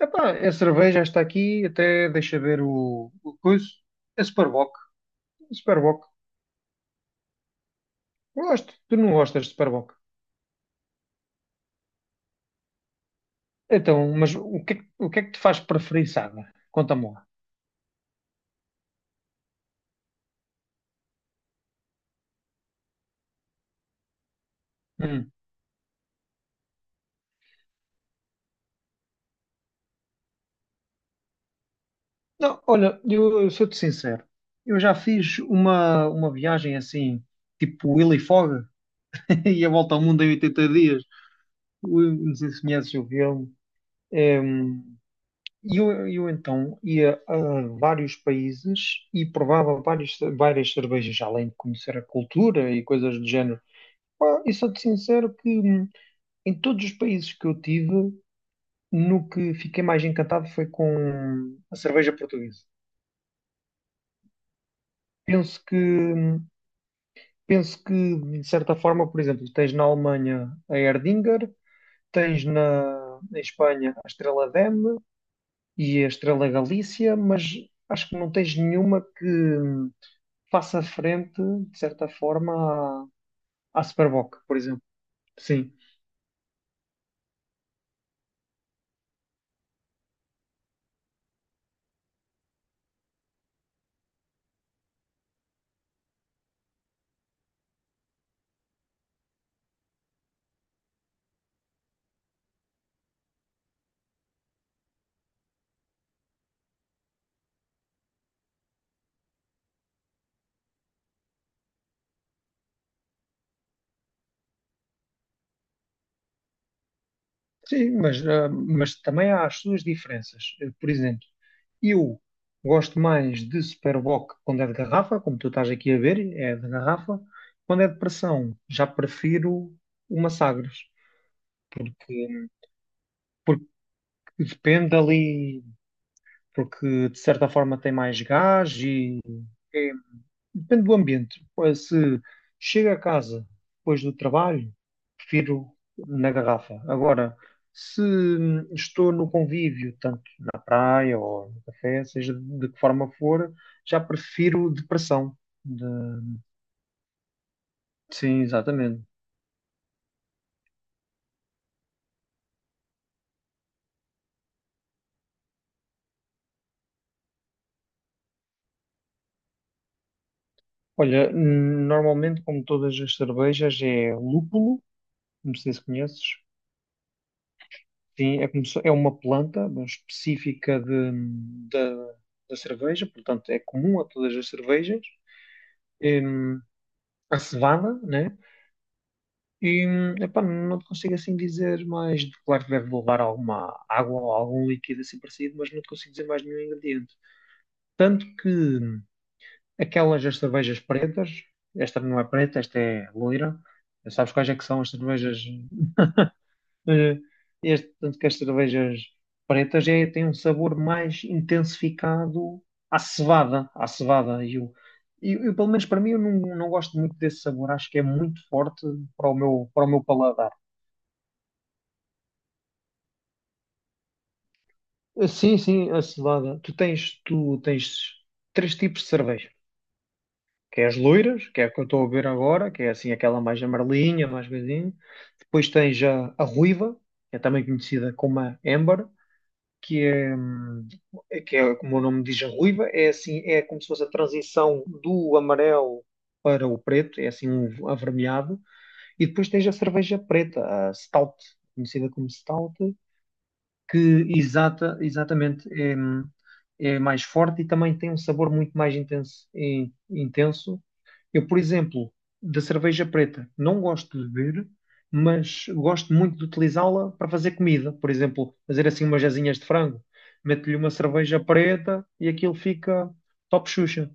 Epá, a cerveja está aqui, até deixa ver o coisa. A Superboc. A Superboc. Gosto. Tu não gostas de Superboc. Então, mas o que é que te faz preferir Saga? Conta-me lá. Hum. Não, olha, eu sou-te sincero. Eu já fiz uma viagem assim, tipo Willy Fogg, e a volta ao mundo em 80 dias. Não sei se conheces o filme. Hum, E eu então ia a vários países e provava várias cervejas, além de conhecer a cultura e coisas do género. Pá, e sou-te sincero que em todos os países que eu tive, no que fiquei mais encantado foi com a cerveja portuguesa. Penso que, hum, Penso que, de certa forma, por exemplo, tens na Alemanha a Erdinger, tens na Espanha a Estrela Damm e a Estrela Galícia, mas acho que não tens nenhuma que faça frente, de certa forma, à Superboc, por exemplo. Sim, sim, mas, ah, mas também há as suas diferenças. Por exemplo, eu gosto mais de Superboc quando é de garrafa, como tu estás aqui a ver, é de garrafa. Quando é de pressão, já prefiro uma Sagres, porque, porque depende ali, porque de certa forma tem mais gás e é depende do ambiente. Pois, se chego a casa depois do trabalho, prefiro na garrafa. Agora, se estou no convívio, tanto na praia ou no café, seja de que forma for, já prefiro de pressão. De- Sim, exatamente. Olha, normalmente, como todas as cervejas, é lúpulo, não sei se conheces. Sim, é, como se- é uma planta específica da da cerveja, portanto, é comum a todas as cervejas. hum, a cevada, né? E epá, não te consigo assim dizer mais. Claro que deve levar alguma água ou algum líquido assim parecido, mas não te consigo dizer mais nenhum ingrediente. Tanto que aquelas das cervejas pretas, esta não é preta, esta é loira. Sabes quais é que são as cervejas eh, este, tanto que as cervejas pretas é, têm um sabor mais intensificado à cevada, à cevada. Pelo menos para mim, eu não, não gosto muito desse sabor. Acho que é muito forte para para o meu paladar. Sim, sim, a cevada. Tu tens três tipos de cerveja. Que é as loiras, que é a que eu estou a beber agora, que é assim aquela mais amarelinha, mais coisinha. Depois tens a ruiva, que é também conhecida como a Amber, que é, hum, como o nome diz, a ruiva, é assim, é como se fosse a transição do amarelo para o preto, é assim um avermelhado, e depois tens a cerveja preta, a stout, conhecida como stout, que exatamente é, é mais forte e também tem um sabor muito mais intenso, intenso. Eu, por exemplo, da cerveja preta, não gosto de beber, mas gosto muito de utilizá-la para fazer comida. Por exemplo, fazer assim umas asinhas de frango, meto-lhe uma cerveja preta e aquilo fica top Xuxa.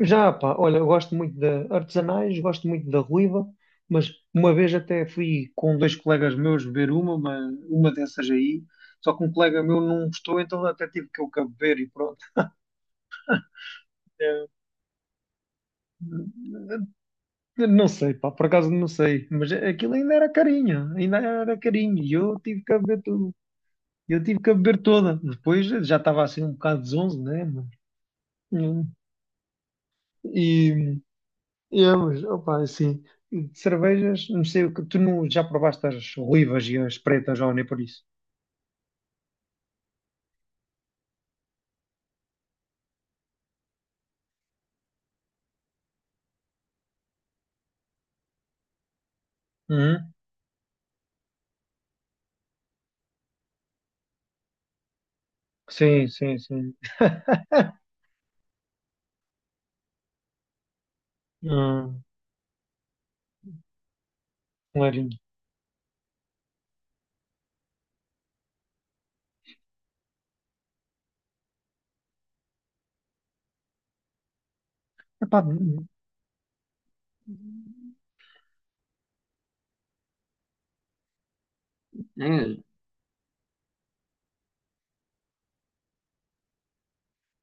Já, pá, olha, eu gosto muito de artesanais, gosto muito da ruiva, mas uma vez até fui com dois colegas meus beber uma dessas aí, só que um colega meu não gostou, então até tive que eu cá beber e pronto. É, não sei, pá, por acaso não sei, mas aquilo ainda era carinho, e eu tive que a beber tudo, eu tive que a beber toda. Depois já estava assim um bocado zonzo, né? Mas, hum, e, e é, mas, opa, assim, de cervejas, não sei o que, tu não, já provaste as ruivas e as pretas, ou nem por isso? Hum? Sim, sim, sim. Hum, clarinho. Epá, é,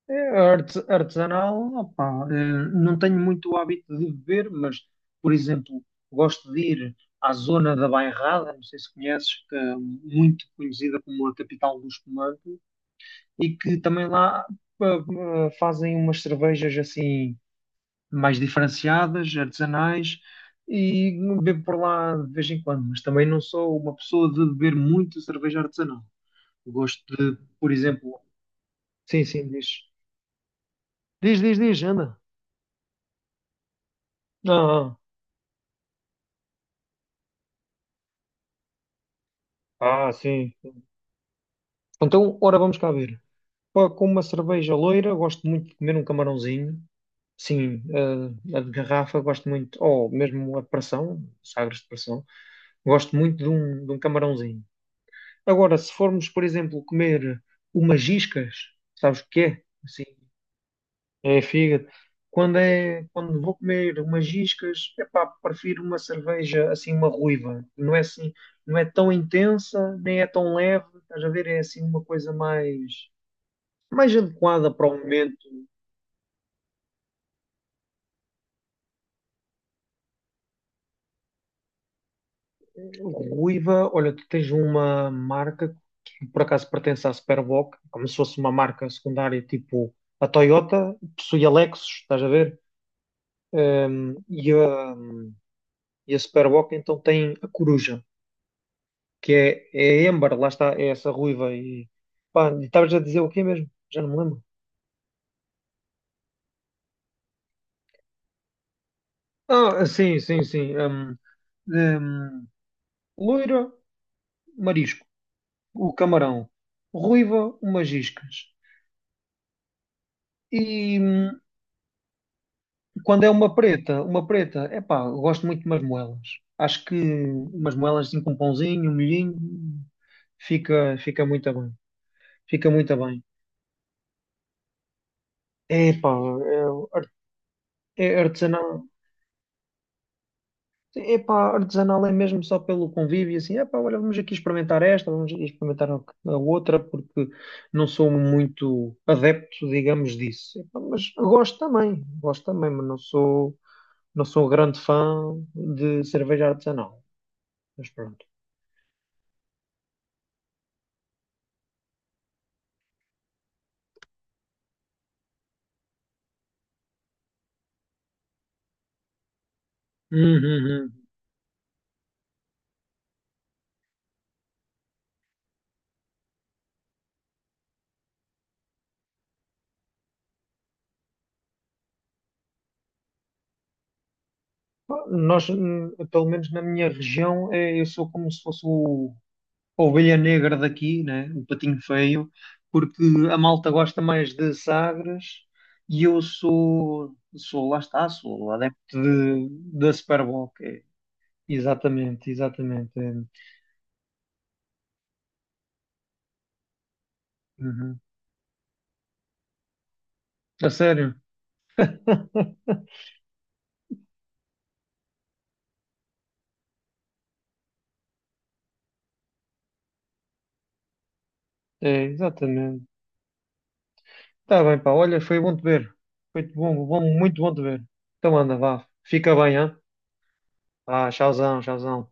é, artesanal, opá, não tenho muito o hábito de beber, mas, por exemplo, gosto de ir à zona da Bairrada, não sei se conheces, que é muito conhecida como a capital do espumante, e que também lá fazem umas cervejas assim mais diferenciadas, artesanais, e bebo por lá de vez em quando, mas também não sou uma pessoa de beber muito cerveja artesanal. Gosto de, por exemplo, sim, sim, diz, anda. Não, não. Ah, sim. Então, ora, vamos cá ver. Pá, com uma cerveja loira, gosto muito de comer um camarãozinho. Sim, a de garrafa, gosto muito, ou mesmo a de pressão, sagres de pressão, gosto muito de de um camarãozinho. Agora, se formos, por exemplo, comer umas iscas, sabes o que é? Assim, é fígado. Quando vou comer umas iscas, epá, prefiro uma cerveja assim, uma ruiva. Não é assim, não é tão intensa, nem é tão leve, estás a ver? É assim uma coisa mais, mais adequada para o momento. Ruiva, olha, tu tens uma marca que por acaso pertence à Superboc, como se fosse uma marca secundária, tipo a Toyota, possui a Lexus, estás a ver? Ehm, e a, e a Superboc então tem a Coruja, é a Amber, lá está, é essa ruiva. E pá, e estavas a dizer o quê mesmo? Já não me lembro. Ah, sim, sim, sim. Hum, loira, marisco, o camarão. Ruiva, umas iscas. E quando é uma preta, é pá, gosto muito de umas moelas. Acho que umas moelas assim com um pãozinho, um molhinho, fica, fica muito bem. Fica muito bem. É pá, é, é artesanal. É artesanal é mesmo só pelo convívio, assim, é pá, olha, vamos aqui experimentar esta, vamos aqui experimentar a outra, porque não sou muito adepto, digamos, disso. Epá, mas gosto também, mas não sou, não sou grande fã de cerveja artesanal. Mas pronto. Uhum, uhum. Nós, pelo menos na minha região, eu sou como se fosse a ovelha negra daqui, né? O patinho feio, porque a malta gosta mais de Sagres e sou lá está, sou adepto de, da Super Bowl. Exatamente, exatamente. É. Uhum. A sério? É, exatamente. Tá bem, pá. Olha, foi bom te ver. Foi bom, bom, muito bom te ver. Então anda, vá. Fica bem, hã? Ah, tchauzão, tchauzão.